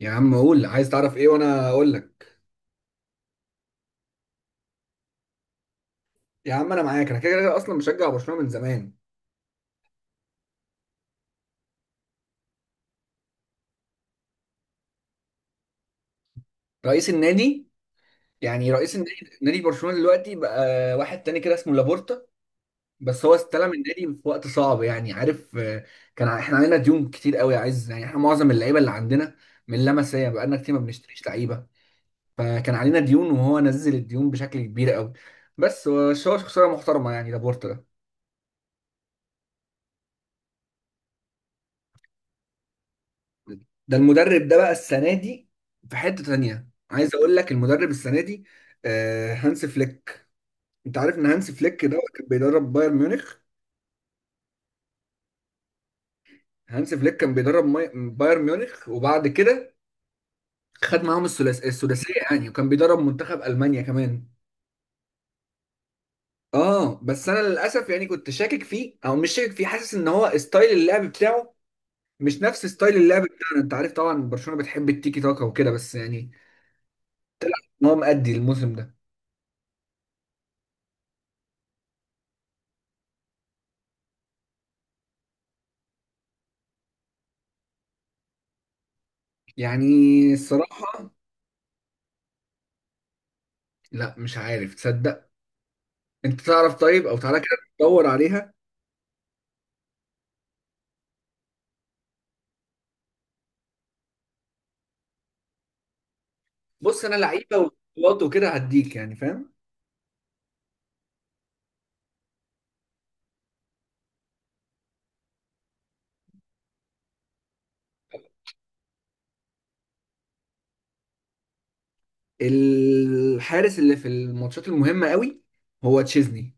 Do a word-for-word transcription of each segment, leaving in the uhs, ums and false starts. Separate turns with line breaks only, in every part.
يا عم قول عايز تعرف ايه وانا اقول لك. يا عم انا معاك، انا كده كده اصلا مشجع برشلونه من زمان. رئيس النادي؟ يعني رئيس النادي، نادي برشلونه دلوقتي بقى واحد تاني كده اسمه لابورتا. بس هو استلم النادي في وقت صعب، يعني عارف، آه، كان ع- احنا عندنا ديون كتير قوي. عايز يعني احنا معظم اللعيبه اللي عندنا من لمسيه، بقالنا كتير ما بنشتريش لعيبه. فكان علينا ديون، وهو نزل الديون بشكل كبير قوي. بس هو هو خساره محترمه يعني لابورتا ده. ده المدرب ده بقى السنه دي في حته تانية، عايز اقول لك المدرب السنه دي آه، هانس فليك. انت عارف ان هانس فليك ده كان بيدرب بايرن ميونخ. هانس فليك كان بيدرب ماي- بايرن ميونخ، وبعد كده خد معاهم الثلاث السداسيه يعني، وكان بيدرب منتخب المانيا كمان. اه بس انا للاسف يعني كنت شاكك فيه، او مش شاكك فيه، حاسس ان هو ستايل اللعب بتاعه مش نفس ستايل اللعب بتاعنا. انت عارف طبعا برشلونه بتحب التيكي تاكا وكده، بس يعني هو مأدي الموسم ده. يعني الصراحه، لا مش عارف تصدق. انت تعرف طيب، او تعالى كده تدور عليها. بص انا لعيبه وبطولات وكده هديك يعني، فاهم. الحارس اللي في الماتشات المهمه قوي هو تشيزني.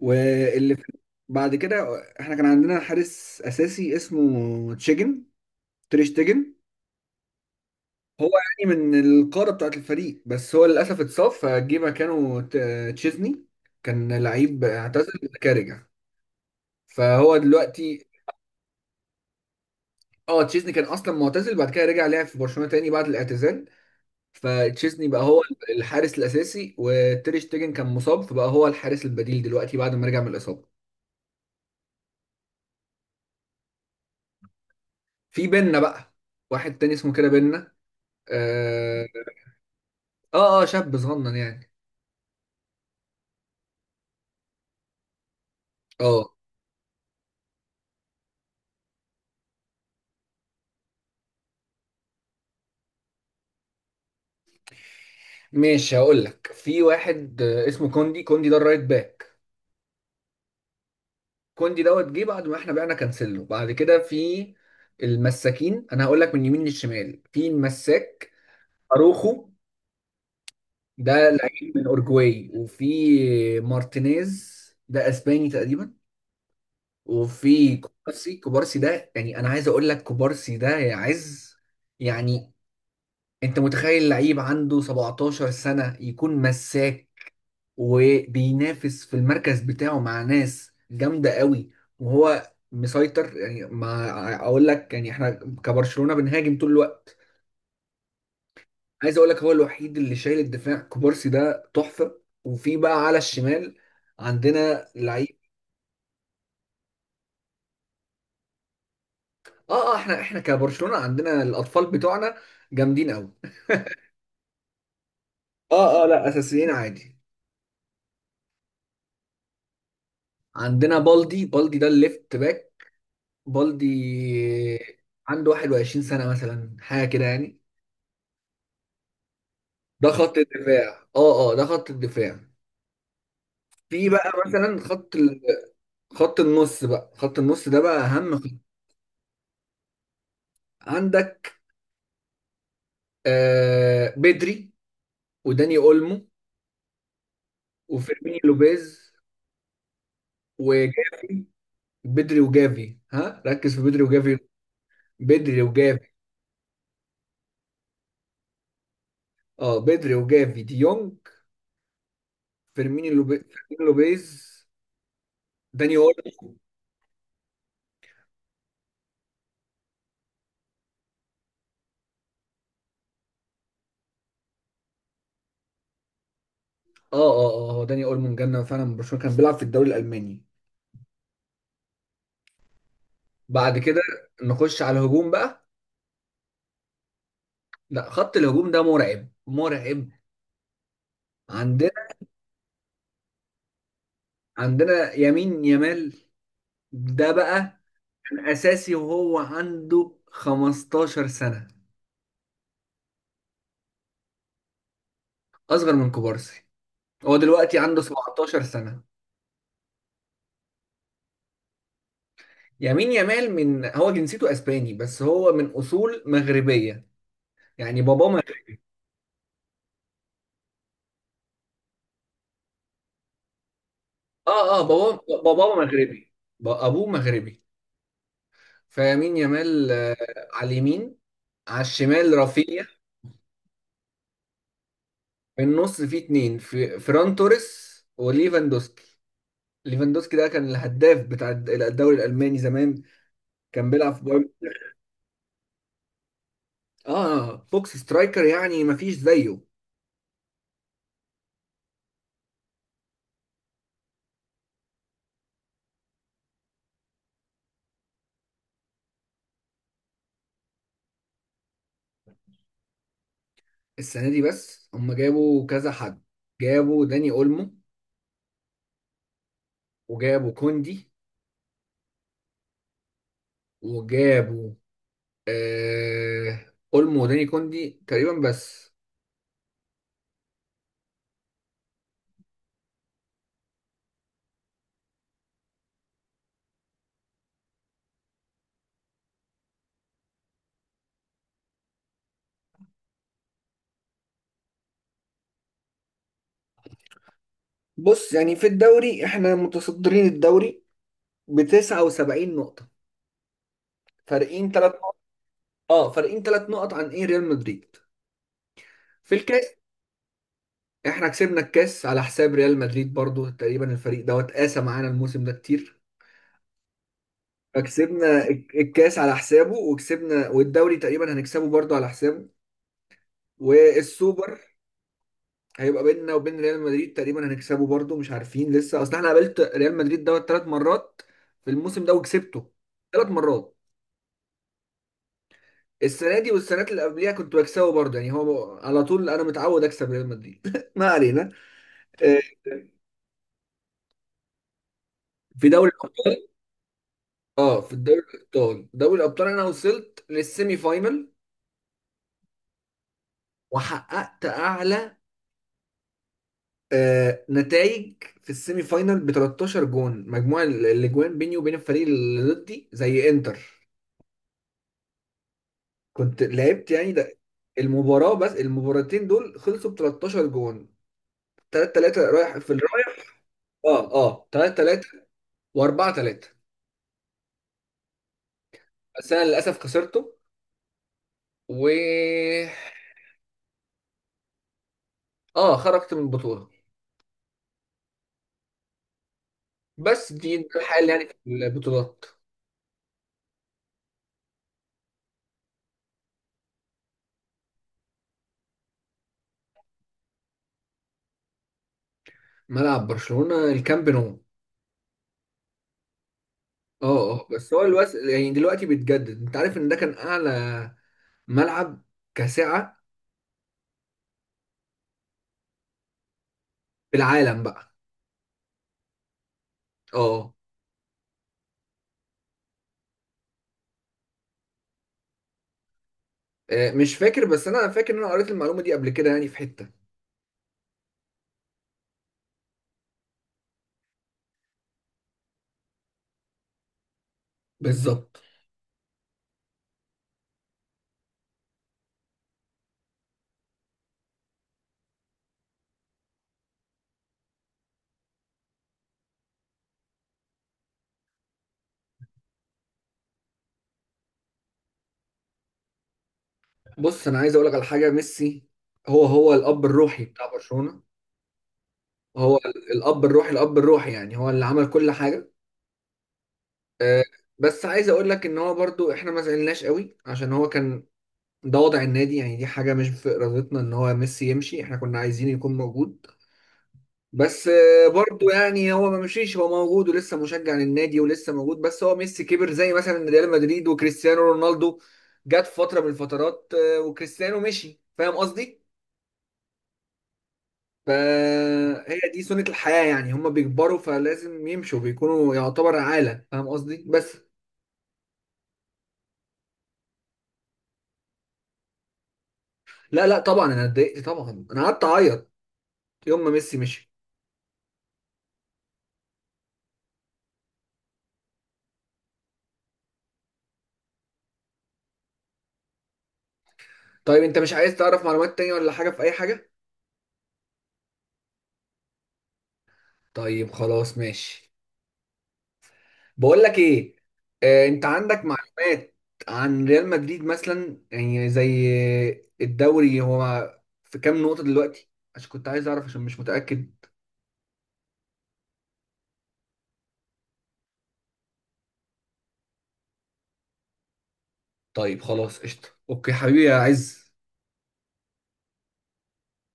واللي في بعد كده، احنا كان عندنا حارس اساسي اسمه تشيجن، تريش تيجن. هو يعني من القاره بتاعت الفريق، بس هو للاسف اتصاب فجه مكانه ت- تشيزني. كان لعيب اعتزل كارجا، فهو دلوقتي. اه تشيزني كان اصلا معتزل، بعد كده رجع لعب في برشلونه تاني بعد الاعتزال. فتشيزني بقى هو الحارس الاساسي، وتير شتيجن كان مصاب فبقى هو الحارس البديل دلوقتي بعد ما رجع من الاصابه. في بينا بقى، واحد تاني اسمه كده بينا. اه اه آه، شاب صغنن يعني. اه ماشي هقول لك في واحد آه، اسمه كوندي. كوندي ده الرايت باك. كوندي دوت جه بعد ما احنا بعنا كانسيلو. بعد كده في المساكين، انا هقول لك من يمين للشمال في المساك اروخو، ده لعيب من اورجواي، وفي مارتينيز، ده اسباني تقريبا. وفي كوبارسي، كوبارسي ده يعني، انا عايز اقول لك كوبارسي ده يا عز، يعني انت متخيل لعيب عنده 17 سنة يكون مساك وبينافس في المركز بتاعه مع ناس جامدة قوي، وهو مسيطر. يعني ما اقول لك يعني احنا كبرشلونة بنهاجم طول الوقت. عايز اقول لك هو الوحيد اللي شايل الدفاع، كوبارسي ده تحفه. وفي بقى على الشمال عندنا لعيب. اه اه احنا احنا كبرشلونه عندنا الاطفال بتوعنا جامدين قوي. اه اه لا اساسيين عادي. عندنا بالدي، بالدي ده الليفت باك، بالدي عنده واحد وعشرين سنة سنه مثلا حاجه كده يعني. ده خط الدفاع، اه اه، ده خط الدفاع. في بقى مثلا خط ال... خط النص بقى، خط النص ده بقى اهم خط عندك. آه بدري، وداني اولمو، وفيرمينيو لوبيز، وجافي. بدري وجافي، ها ركز في بدري وجافي. بدري وجافي. اه بدري وجافي، دي يونج، فيرمينيو لوبيز. فيرمينيو لوبيز، داني اول. اه اه اه هو داني اول من جنة فعلا من برشلونة، كان بيلعب في الدوري الالماني. بعد كده نخش على الهجوم بقى. لا خط الهجوم ده مرعب مرعب. عندنا عندنا يمين يمال، ده بقى كان اساسي وهو عنده 15 سنة. اصغر من كوبارسي، هو دلوقتي عنده 17 سنة. يمين يامال من، هو جنسيته اسباني بس هو من اصول مغربيه، يعني باباه مغربي. اه اه باباه باباه مغربي. ب- ابوه مغربي. فيمين يامال آه، على اليمين، على الشمال رافينيا. في النص في اتنين، في فران توريس وليفاندوسكي. ليفاندوسكي ده كان الهداف بتاع الد- الدوري الالماني زمان، كان بيلعب في بايرن. اه بوكس سترايكر يعني مفيش زيه. السنه دي بس هم جابوا كذا حد. جابوا داني اولمو، وجابوا كوندي، وجابوا آه اولمو وداني كوندي تقريبا بس. بص يعني في الدوري احنا متصدرين الدوري ب 79 نقطة، فارقين ثلاث نقط. اه فارقين ثلاث نقط عن ايه، ريال مدريد. في الكاس احنا كسبنا الكاس على حساب ريال مدريد برضو تقريبا، الفريق دوت قاسى معانا الموسم ده كتير. فكسبنا الك- الكاس على حسابه، وكسبنا والدوري تقريبا هنكسبه برضو على حسابه. والسوبر هيبقى بيننا وبين ريال مدريد، تقريبا هنكسبه برضه، مش عارفين لسه، اصل احنا قابلت ريال مدريد دوت ثلاث مرات في الموسم ده وكسبته ثلاث مرات. السنه دي والسنوات اللي قبليها كنت بكسبه برضه يعني، هو على طول انا متعود اكسب ريال مدريد ما علينا. آه، في دوري الابطال، اه في الدوري الابطال، دوري الابطال انا وصلت للسيمي فاينل، وحققت اعلى آه نتائج. في السيمي فاينل ب 13 جون، مجموع ال- الاجوان بيني وبين الفريق اللي ضدي زي انتر. كنت لعبت يعني، ده المباراة، بس المباراتين دول خلصوا ب 13 جون، ثلاثة ثلاثة رايح في الرايح. اه اه ثلاثة ثلاثة و4 3، بس انا للاسف خسرته. و اه خرجت من البطولة. بس دي ده الحال يعني في البطولات. ملعب برشلونة الكامب نو. اه اه بس هو الوس... يعني دلوقتي بيتجدد، انت عارف ان ده كان اعلى ملعب كسعة في العالم بقى. اه آه، مش فاكر، بس انا فاكر ان انا قريت المعلومة دي قبل كده يعني في حتة. بالظبط. بص انا عايز اقول لك على حاجه، ميسي هو هو الاب الروحي بتاع برشلونه. هو ال- الاب الروحي، الاب الروحي يعني هو اللي عمل كل حاجه. آه، بس عايز اقول لك ان هو برضو احنا ما زعلناش قوي، عشان هو كان ده وضع النادي يعني. دي حاجه مش في ارادتنا ان هو ميسي يمشي، احنا كنا عايزين يكون موجود. بس آه، برضو يعني هو ما مشيش، هو موجود ولسه مشجع للنادي ولسه موجود. بس هو ميسي كبر، زي مثلا ريال مدريد وكريستيانو رونالدو جت فتره من الفترات آه، وكريستيانو مشي، فاهم قصدي. فهي دي سنة الحياة يعني، هما بيكبروا فلازم يمشوا، بيكونوا يعتبر عالة، فاهم قصدي. بس لا لا طبعا انا اتضايقت، طبعا انا قعدت اعيط يوم ما ميسي مشي. طيب انت مش عايز تعرف معلومات تانية ولا حاجة في اي حاجة؟ طيب خلاص ماشي. بقول لك ايه، آه انت عندك معلومات عن ريال مدريد مثلا، يعني زي الدوري هو في كام نقطة دلوقتي، عشان كنت عايز اعرف عشان مش متأكد. طيب خلاص قشطة اوكي حبيبي عايز